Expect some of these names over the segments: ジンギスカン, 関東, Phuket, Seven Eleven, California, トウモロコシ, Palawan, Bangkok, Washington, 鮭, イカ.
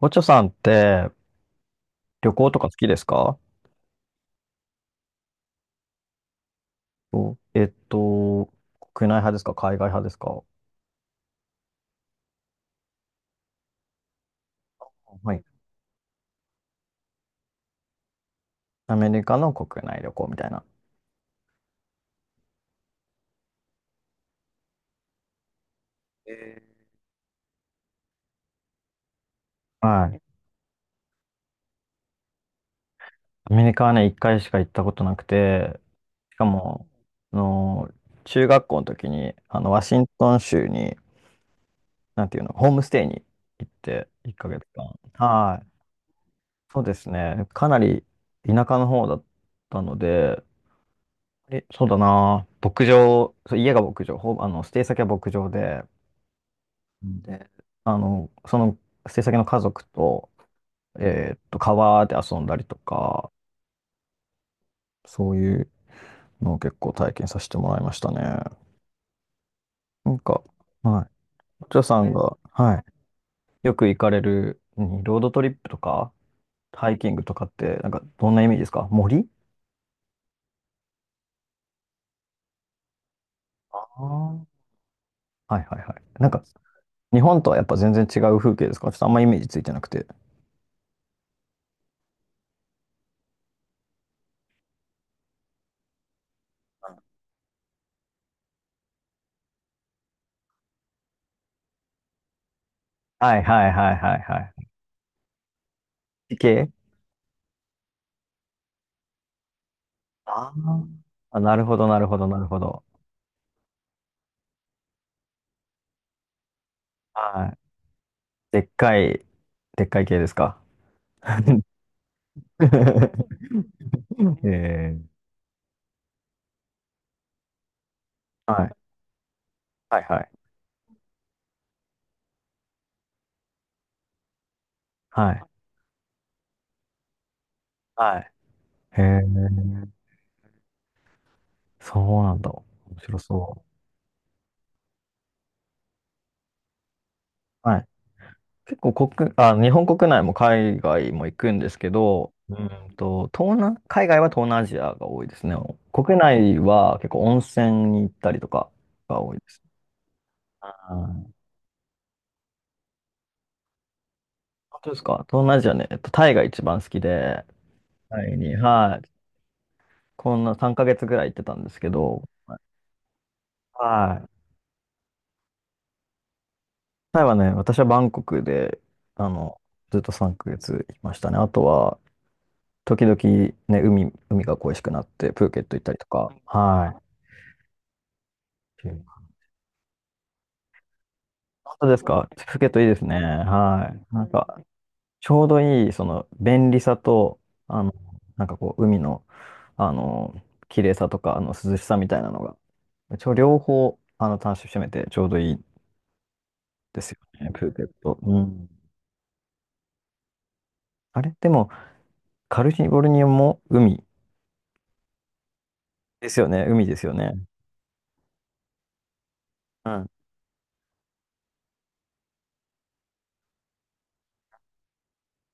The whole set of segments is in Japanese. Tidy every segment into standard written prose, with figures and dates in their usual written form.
おちょさんって旅行とか好きですか？そう、国内派ですか海外派ですか？はい。アメリカの国内旅行みたいな。はい。アメリカはね、一回しか行ったことなくて、しかも、あの、中学校の時に、ワシントン州に、なんていうの、ホームステイに行って、1ヶ月間。はい。そうですね。かなり田舎の方だったので、え、そうだな。牧場、そう家が牧場、ほぼ、ステイ先は牧場で、うんで、その制作の家族と、川で遊んだりとか、そういうのを結構体験させてもらいましたね。なんか、はい。お嬢さんが、はい。よく行かれる、うんロードトリップとか、ハイキングとかって、なんか、どんなイメージですか？森。ああー、はいはいはい。なんか、日本とはやっぱ全然違う風景ですか？ちょっとあんまイメージついてなくて。はいはいはいはいはい。地形、あー。あ、なるほどなるほどなるほど。はい。でっかい、でっかい系ですか？ええ、はい。はいはい。はい。はい。へえ、そうなんだ。面白そう。はい。結構国、あ、日本国内も海外も行くんですけど、東南、海外は東南アジアが多いですね。国内は結構温泉に行ったりとかが多いです。あー、本当ですか？東南アジアね、タイが一番好きで、タイに、はい。こんな3ヶ月ぐらい行ってたんですけど、はい。タイはね、私はバンコクで、あの、ずっと3ヶ月いましたね。あとは、時々ね、海、海が恋しくなって、プーケット行ったりとか。はい。うん、本当ですか？プーケットいいですね。はい。なんか、ちょうどいい、その、便利さと、あの、なんかこう、海の、あの、綺麗さとか、涼しさみたいなのが、一応両方、楽しめて、ちょうどいいですよね、プーケット。うん。あれでも、カリフォルニアも海ですよね。海ですよね。うん。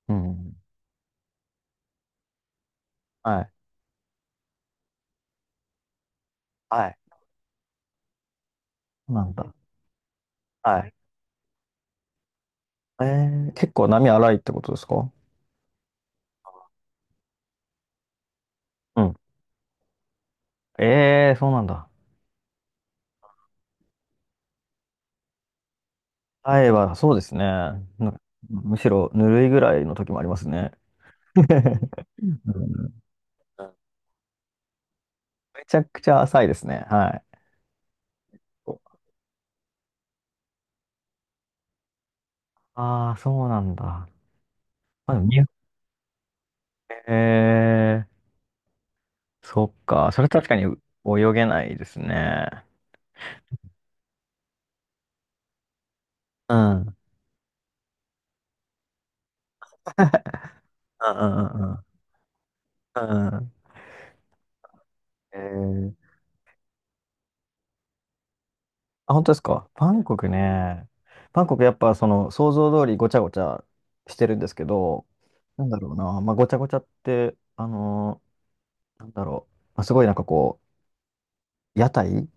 うん。はい。はい。なんだ。はい。えー、結構波荒いってことですか？うん。えー、そうなんだ。荒いは、そうですね。ぬ、むしろぬるいぐらいの時もありますね。うん、めちゃくちゃ浅いですね。はい。ああ、そうなんだ。まあ、でもに、えー、そっか。それ確かに泳げないですね。うん。うんうんうんうん。うん。え、あ、本当ですか。バンコクね。バンコクやっぱその想像通りごちゃごちゃしてるんですけど、なんだろうな。まあごちゃごちゃって、なんだろう。まあ、すごいなんかこう、屋台、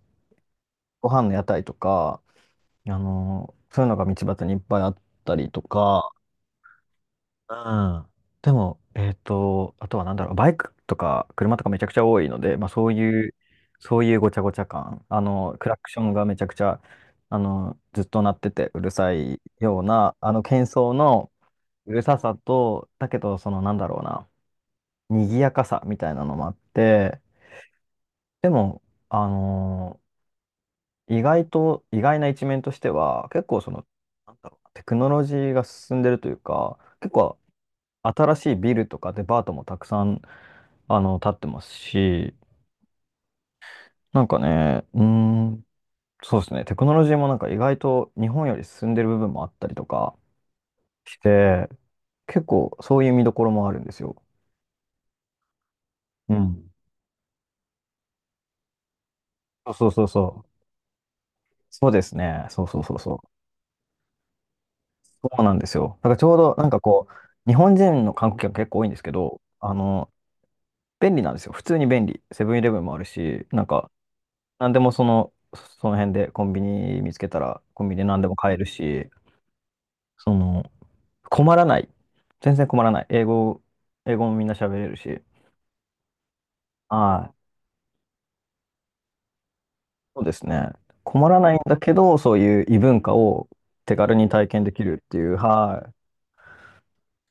ご飯の屋台とか、そういうのが道端にいっぱいあったりとか、うん。でも、あとはなんだろう、バイクとか車とかめちゃくちゃ多いので、まあそういう、そういうごちゃごちゃ感、クラクションがめちゃくちゃ、ずっと鳴っててうるさいような、喧騒のうるささと、だけど、そのなんだろうな、賑やかさみたいなのもあって、でも、あの、意外と、意外な一面としては、結構その、なんだろう、テクノロジーが進んでるというか、結構新しいビルとかデパートもたくさん、建ってますし、なんかね、うーん、そうですね、テクノロジーもなんか意外と日本より進んでる部分もあったりとかして、結構そういう見どころもあるんですよ。うん。そうそうそうそう。そうですね。そうそうそうそう。そうなんですよ。だからちょうどなんかこう、日本人の観光客結構多いんですけど、便利なんですよ。普通に便利。セブンイレブンもあるし、なんか、なんでもその、その辺でコンビニ見つけたら、コンビニで何でも買えるし、その、困らない。全然困らない。英語、英語もみんな喋れるし。はい。そうですね。困らないんだけど、そういう異文化を手軽に体験できるっていう、は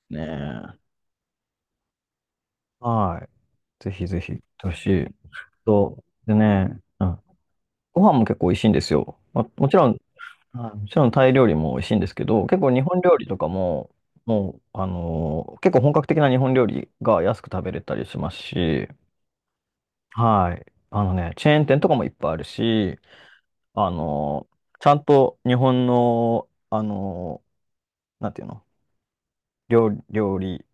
い。ねえ。はい。ぜひぜひ、行ってほしい。と、でね、うん。ご飯も結構美味しいんですよ。まあ、もちろん、はい、もちろんタイ料理も美味しいんですけど、結構日本料理とかも、もう、結構本格的な日本料理が安く食べれたりしますし、はい。あのね、チェーン店とかもいっぱいあるし、あのーちゃんと日本の、なんていうの、料理、料理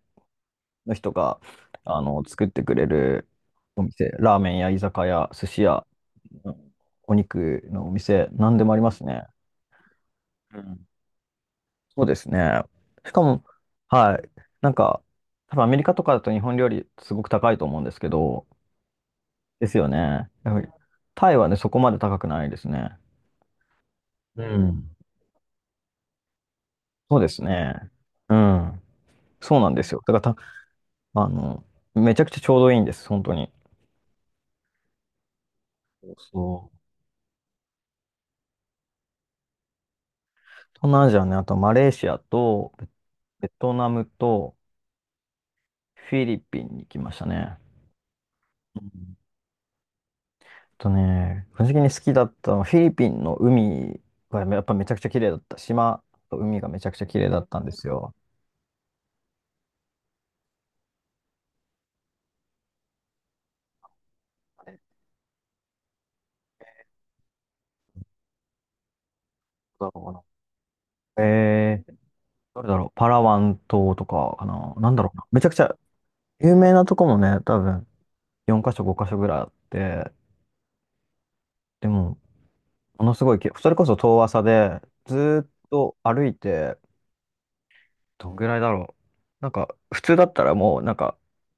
の人が、作ってくれるお店、ラーメンや居酒屋、寿司屋、うん、お肉のお店、なんでもありますね。うん、そうですね。しかも、はい。なんか、多分アメリカとかだと日本料理すごく高いと思うんですけど、ですよね。やはりタイはね、そこまで高くないですね。うん。そうですね。うん。そうなんですよ。だからた、あの、めちゃくちゃちょうどいいんです、本当に。そう。東南アジアね、あとマレーシアとベトナムとフィリピンに行きましたね。うんとね、個人的に好きだったのはフィリピンの海がやっぱめちゃくちゃ綺麗だった。島と海がめちゃくちゃ綺麗だったんですよ。どうだろうかな、えー、どれだろう、パラワン島とかかな、なんだろうな、めちゃくちゃ有名なとこもね、多分4箇所、5箇所ぐらいあって、でも、ものすごいき、それこそ遠浅で、ずーっと歩いて、どんぐらいだろう。なんか、普通だったらもう、なんか、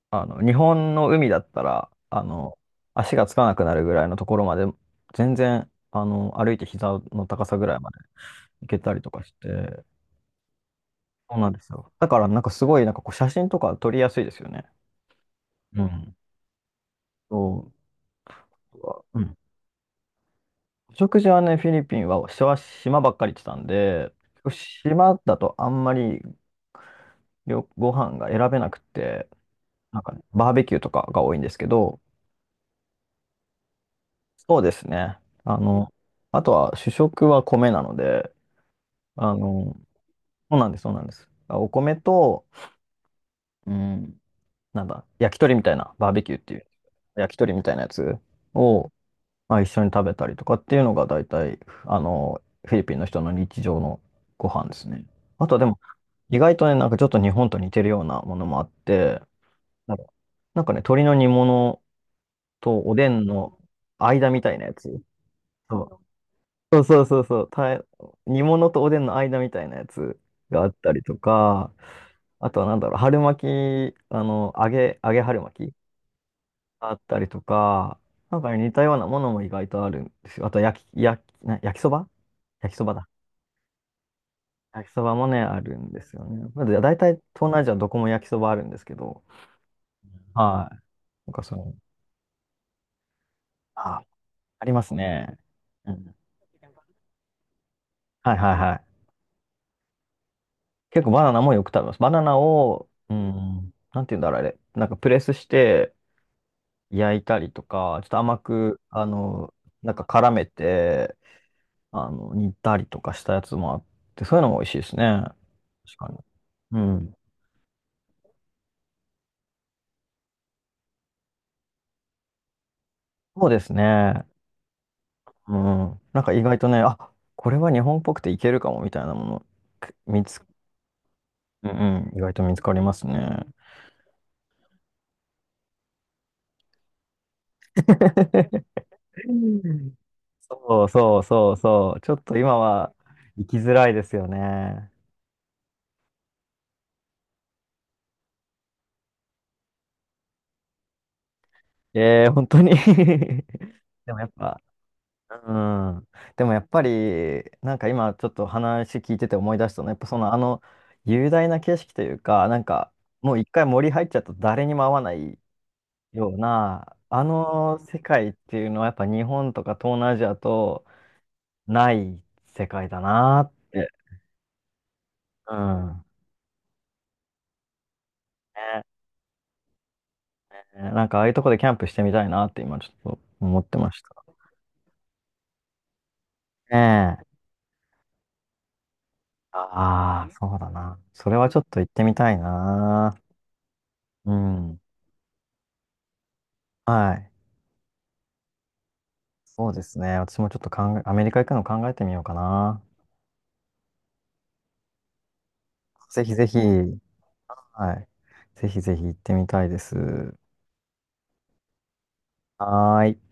日本の海だったら、足がつかなくなるぐらいのところまで、全然、歩いて膝の高さぐらいまで行けたりとかして、そうなんですよ。だから、なんかすごい、なんかこう、写真とか撮りやすいですよね。うん。そう。うん。お食事はね、フィリピンは、島島ばっかり行ってたんで、島だとあんまりよご飯が選べなくて、なんかね、バーベキューとかが多いんですけど、そうですね。あの、あとは主食は米なので、あの、そうなんです、そうなんです。あ、お米と、うん、なんだ、焼き鳥みたいな、バーベキューっていう、焼き鳥みたいなやつを、まあ、一緒に食べたりとかっていうのが大体、フィリピンの人の日常のご飯ですね。あとはでも、意外とね、なんかちょっと日本と似てるようなものもあって、なんか、なんかね、鶏の煮物とおでんの間みたいなやつ。そうそうそうそうそう、た、煮物とおでんの間みたいなやつがあったりとか、あとはなんだろう、春巻き、揚げ春巻きあったりとか、なんかね似たようなものも意外とあるんですよ。あと焼きそば、焼きそばだ。焼きそばもね、あるんですよね。まだいたい東南アジアどこも焼きそばあるんですけど、はい。なんかその、あ、ありますね。うん。はいはいはい。結構バナナもよく食べます。バナナを、うん。ん、なんて言うんだろう、あれ。なんかプレスして焼いたりとか、ちょっと甘く、なんか絡めて、煮たりとかしたやつもあって、そういうのも美味しいですね。確かに。うん。そうですね。うん。なんか意外とね、あ、これは日本っぽくていけるかもみたいなもの、く見つ、うんうん、意外と見つかりますね。そうそうそうそう。ちょっと今は行きづらいですよね。ええー、本当に。 でもやっぱ、うん。でもやっぱり、なんか今ちょっと話聞いてて思い出したのは、やっぱそのあの雄大な景色というか、なんかもう一回森入っちゃうと誰にも会わないような、あの世界っていうのはやっぱ日本とか東南アジアとない世界だなって。うん。ね、なんかああいうとこでキャンプしてみたいなって今ちょっと思ってました。ねえ、ああ、そうだな。それはちょっと行ってみたいな。うん。はい。そうですね。私もちょっと考え、アメリカ行くの考えてみようかな。ぜひぜひ。はい。ぜひぜひ行ってみたいです。はーい。